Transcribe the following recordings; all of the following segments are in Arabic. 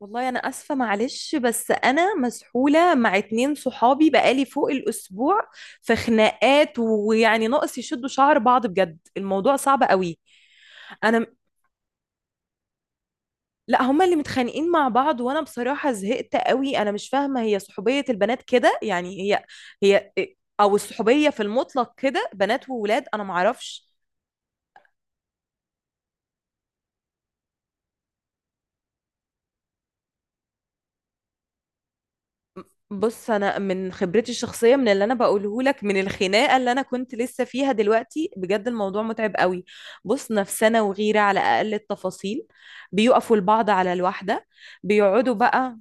والله انا اسفه، معلش. بس انا مسحوله مع اتنين صحابي بقالي فوق الاسبوع في خناقات، ويعني ناقص يشدوا شعر بعض. بجد الموضوع صعب قوي. انا لا هما اللي متخانقين مع بعض، وانا بصراحه زهقت قوي. انا مش فاهمه، هي صحوبيه البنات كده؟ يعني هي او الصحوبيه في المطلق كده، بنات وولاد، انا معرفش. بص، انا من خبرتي الشخصيه، من اللي انا بقوله لك من الخناقه اللي انا كنت لسه فيها دلوقتي، بجد الموضوع متعب قوي. بص، نفسنا وغيره على اقل التفاصيل. بيقفوا البعض على الواحده، بيقعدوا بقى.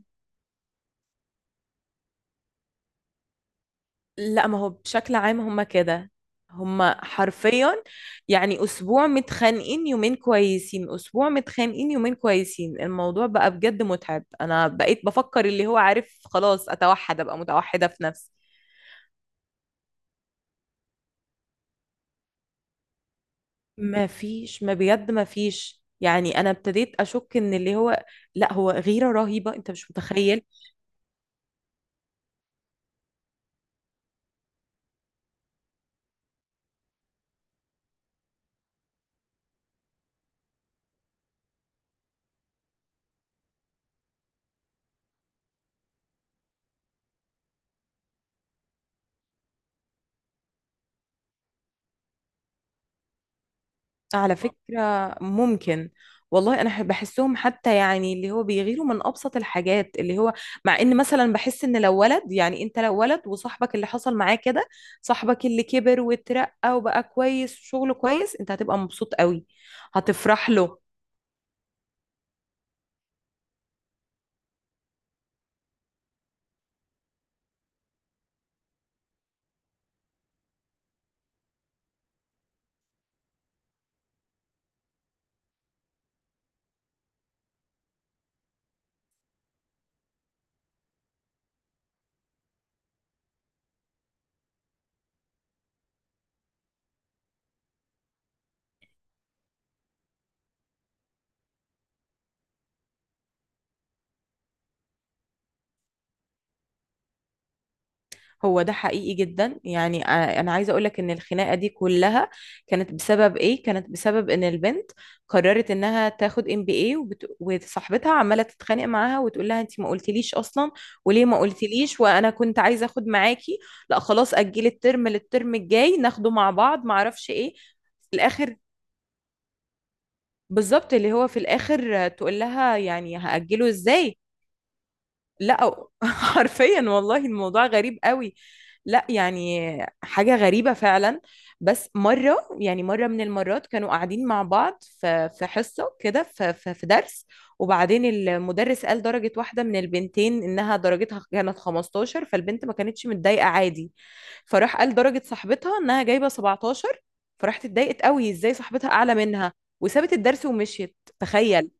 لا، ما هو بشكل عام هم كده، هم حرفيا يعني اسبوع متخانقين يومين كويسين، اسبوع متخانقين يومين كويسين. الموضوع بقى بجد متعب. انا بقيت بفكر اللي هو عارف، خلاص اتوحد ابقى متوحده في نفسي. ما فيش، ما بجد ما فيش. يعني انا ابتديت اشك ان اللي هو، لا هو غيرة رهيبة انت مش متخيل. على فكرة ممكن. بحسهم حتى، يعني اللي هو بيغيروا من ابسط الحاجات. اللي هو مع ان مثلا بحس ان لو ولد، يعني انت لو ولد وصاحبك اللي حصل معاه كده، صاحبك اللي كبر واترقى وبقى كويس وشغله كويس، انت هتبقى مبسوط قوي، هتفرح له. هو ده حقيقي جدا. يعني آه، انا عايزه اقولك ان الخناقه دي كلها كانت بسبب ايه؟ كانت بسبب ان البنت قررت انها تاخد ام بي اي، وصاحبتها عماله تتخانق معاها وتقول لها: انت ما قلتليش اصلا، وليه ما قلتليش، وانا كنت عايزه اخد معاكي. لا خلاص اجلي الترم للترم الجاي ناخده مع بعض، ما اعرفش ايه. في الاخر بالظبط اللي هو في الاخر آه، تقول لها يعني هاجله ازاي. لا حرفيا والله الموضوع غريب قوي. لا يعني حاجة غريبة فعلا. بس مرة، يعني مرة من المرات كانوا قاعدين مع بعض في حصة كده، في درس، وبعدين المدرس قال درجة واحدة من البنتين إنها درجتها كانت 15، فالبنت ما كانتش متضايقة، عادي. فراح قال درجة صاحبتها إنها جايبة 17، فراحت اتضايقت قوي إزاي صاحبتها أعلى منها، وسابت الدرس ومشيت، تخيل.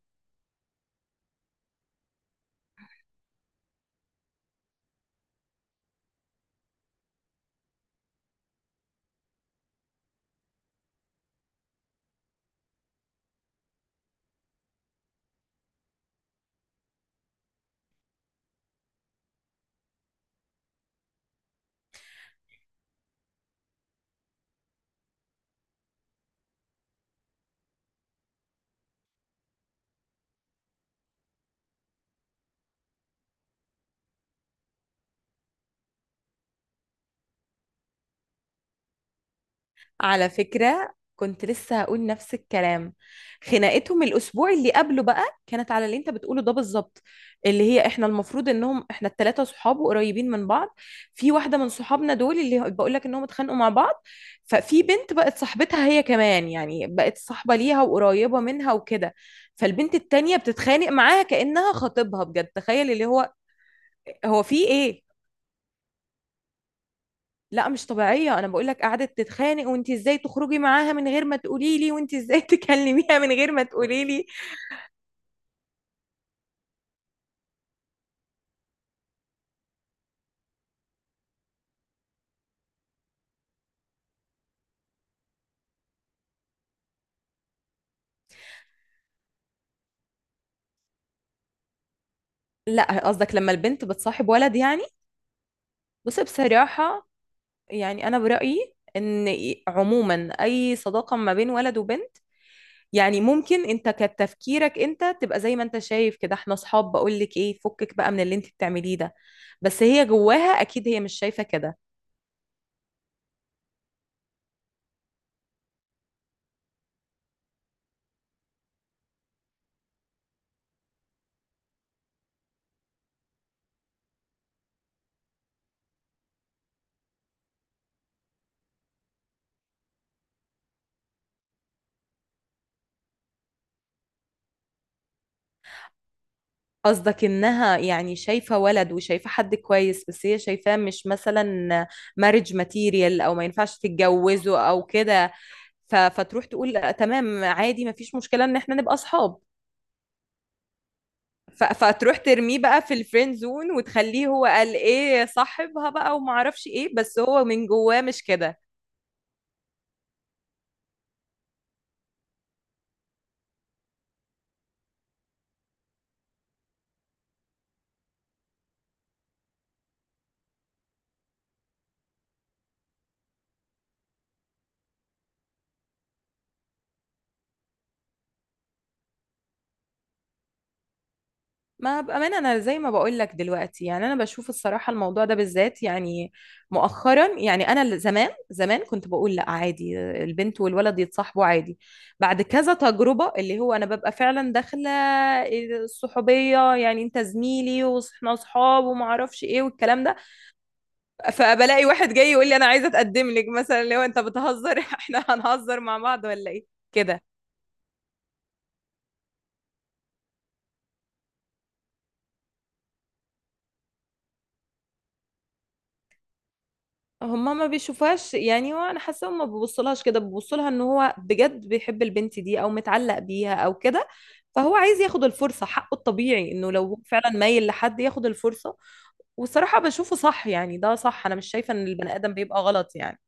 على فكرة كنت لسه هقول نفس الكلام. خناقتهم الأسبوع اللي قبله بقى كانت على اللي أنت بتقوله ده بالظبط، اللي هي إحنا المفروض إنهم إحنا التلاتة صحاب وقريبين من بعض. في واحدة من صحابنا دول اللي بقول لك إنهم اتخانقوا مع بعض، ففي بنت بقت صاحبتها هي كمان، يعني بقت صاحبة ليها وقريبة منها وكده، فالبنت التانية بتتخانق معاها كأنها خطيبها، بجد تخيل اللي هو هو في إيه. لا مش طبيعية، أنا بقولك قعدت تتخانق، وأنت إزاي تخرجي معاها من غير ما تقولي لي، وأنت إزاي تكلميها من غير ما تقولي لي. لا قصدك لما البنت بتصاحب ولد يعني؟ بصي بصراحة، يعني أنا برأيي إن عموما أي صداقة ما بين ولد وبنت، يعني ممكن أنت كتفكيرك أنت تبقى زي ما أنت شايف كده، إحنا أصحاب بقولك إيه فكك بقى من اللي أنت بتعمليه ده، بس هي جواها أكيد هي مش شايفة كده. قصدك انها يعني شايفة ولد وشايفة حد كويس، بس هي شايفاه مش مثلا marriage material، او ما ينفعش تتجوزه او كده. فتروح تقول لأ، تمام عادي ما فيش مشكلة ان احنا نبقى اصحاب. فتروح ترميه بقى في الفريند زون، وتخليه هو قال ايه صاحبها بقى، وما اعرفش ايه، بس هو من جواه مش كده. ما بأمانة أنا زي ما بقول لك دلوقتي، يعني أنا بشوف الصراحة الموضوع ده بالذات يعني مؤخرا، يعني زمان زمان كنت بقول لا عادي البنت والولد يتصاحبوا عادي. بعد كذا تجربة اللي هو أنا ببقى فعلا داخلة الصحوبية، يعني أنت زميلي وإحنا أصحاب وما أعرفش إيه والكلام ده، فبلاقي واحد جاي يقول لي أنا عايزة أتقدم لك مثلا، اللي هو أنت بتهزر إحنا هنهزر مع بعض ولا إيه كده. ما بيشوفهاش، يعني وانا حاسه هما ما بيبصلهاش كده، بيبصلها ان هو بجد بيحب البنت دي او متعلق بيها او كده، فهو عايز ياخد الفرصه، حقه الطبيعي انه لو هو فعلا مايل لحد ياخد الفرصه. والصراحه بشوفه صح، يعني ده صح، انا مش شايفه ان البني ادم بيبقى غلط يعني.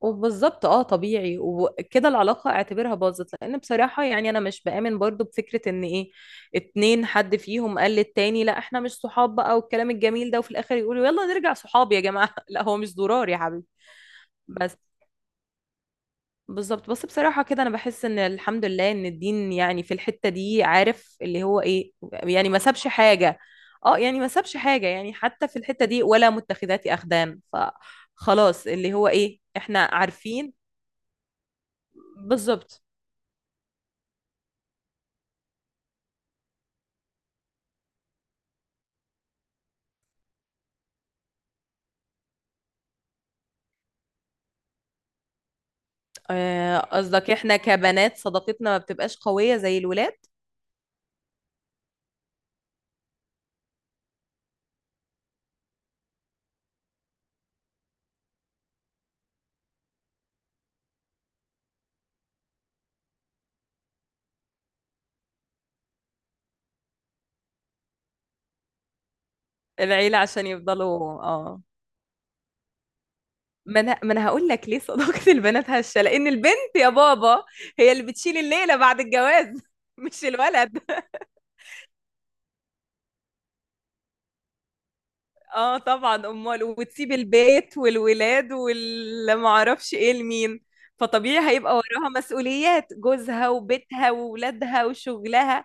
وبالظبط اه، طبيعي. وكده العلاقه اعتبرها باظت، لان بصراحه يعني انا مش بآمن برضو بفكره ان ايه، اتنين حد فيهم قال للتاني لا احنا مش صحاب بقى والكلام الجميل ده، وفي الاخر يقولوا يلا نرجع صحاب يا جماعه لا هو مش ضرار يا حبيبي. بس بالظبط. بس بصراحة كده أنا بحس إن الحمد لله إن الدين يعني في الحتة دي عارف اللي هو إيه، يعني ما سابش حاجة. اه، يعني ما سابش حاجة، يعني حتى في الحتة دي ولا متخذات أخدان، فخلاص اللي هو إيه إحنا عارفين. بالظبط. آه، قصدك إحنا كبنات صداقتنا ما بتبقاش قوية زي الولاد. العيلة عشان يفضلوا اه. ما انا هقول لك ليه صداقة البنات هشة. لأن البنت يا بابا هي اللي بتشيل الليلة بعد الجواز مش الولد. اه طبعا، امال، وتسيب البيت والولاد والمعرفش ايه لمين؟ فطبيعي هيبقى وراها مسؤوليات جوزها وبيتها وولادها وشغلها.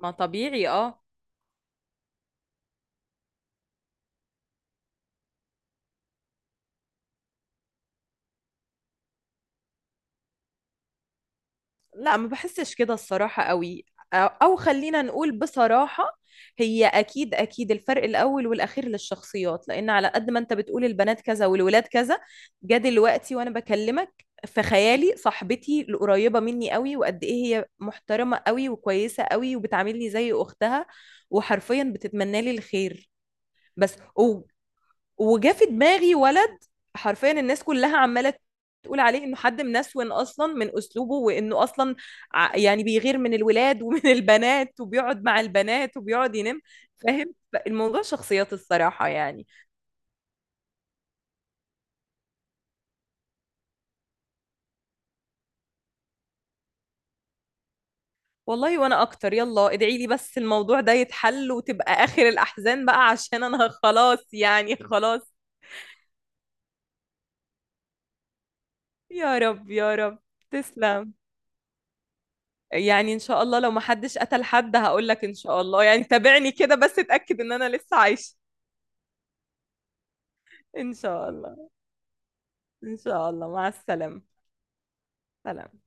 ما طبيعي اه. لا ما بحسش كده الصراحة قوي. أو أو خلينا نقول بصراحة هي أكيد أكيد الفرق الأول والأخير للشخصيات، لأن على قد ما أنت بتقول البنات كذا والولاد كذا، جا دلوقتي وأنا بكلمك في خيالي صاحبتي القريبة مني قوي، وقد إيه هي محترمة قوي وكويسة قوي وبتعاملني زي أختها، وحرفيا بتتمنى لي الخير. بس و- وجا في دماغي ولد حرفيا الناس كلها عماله تقول عليه انه حد منسون اصلا من اسلوبه، وانه اصلا يعني بيغير من الولاد ومن البنات، وبيقعد مع البنات وبيقعد ينام، فاهم؟ الموضوع شخصيات الصراحه يعني. والله وانا اكتر. يلا ادعي لي بس الموضوع ده يتحل وتبقى اخر الاحزان بقى، عشان انا خلاص يعني خلاص. يا رب يا رب. تسلم. يعني ان شاء الله لو ما حدش قتل حد هقول لك ان شاء الله، يعني تابعني كده بس اتاكد ان انا لسه عايشه. إن شاء الله. إن شاء الله مع السلامة. سلام.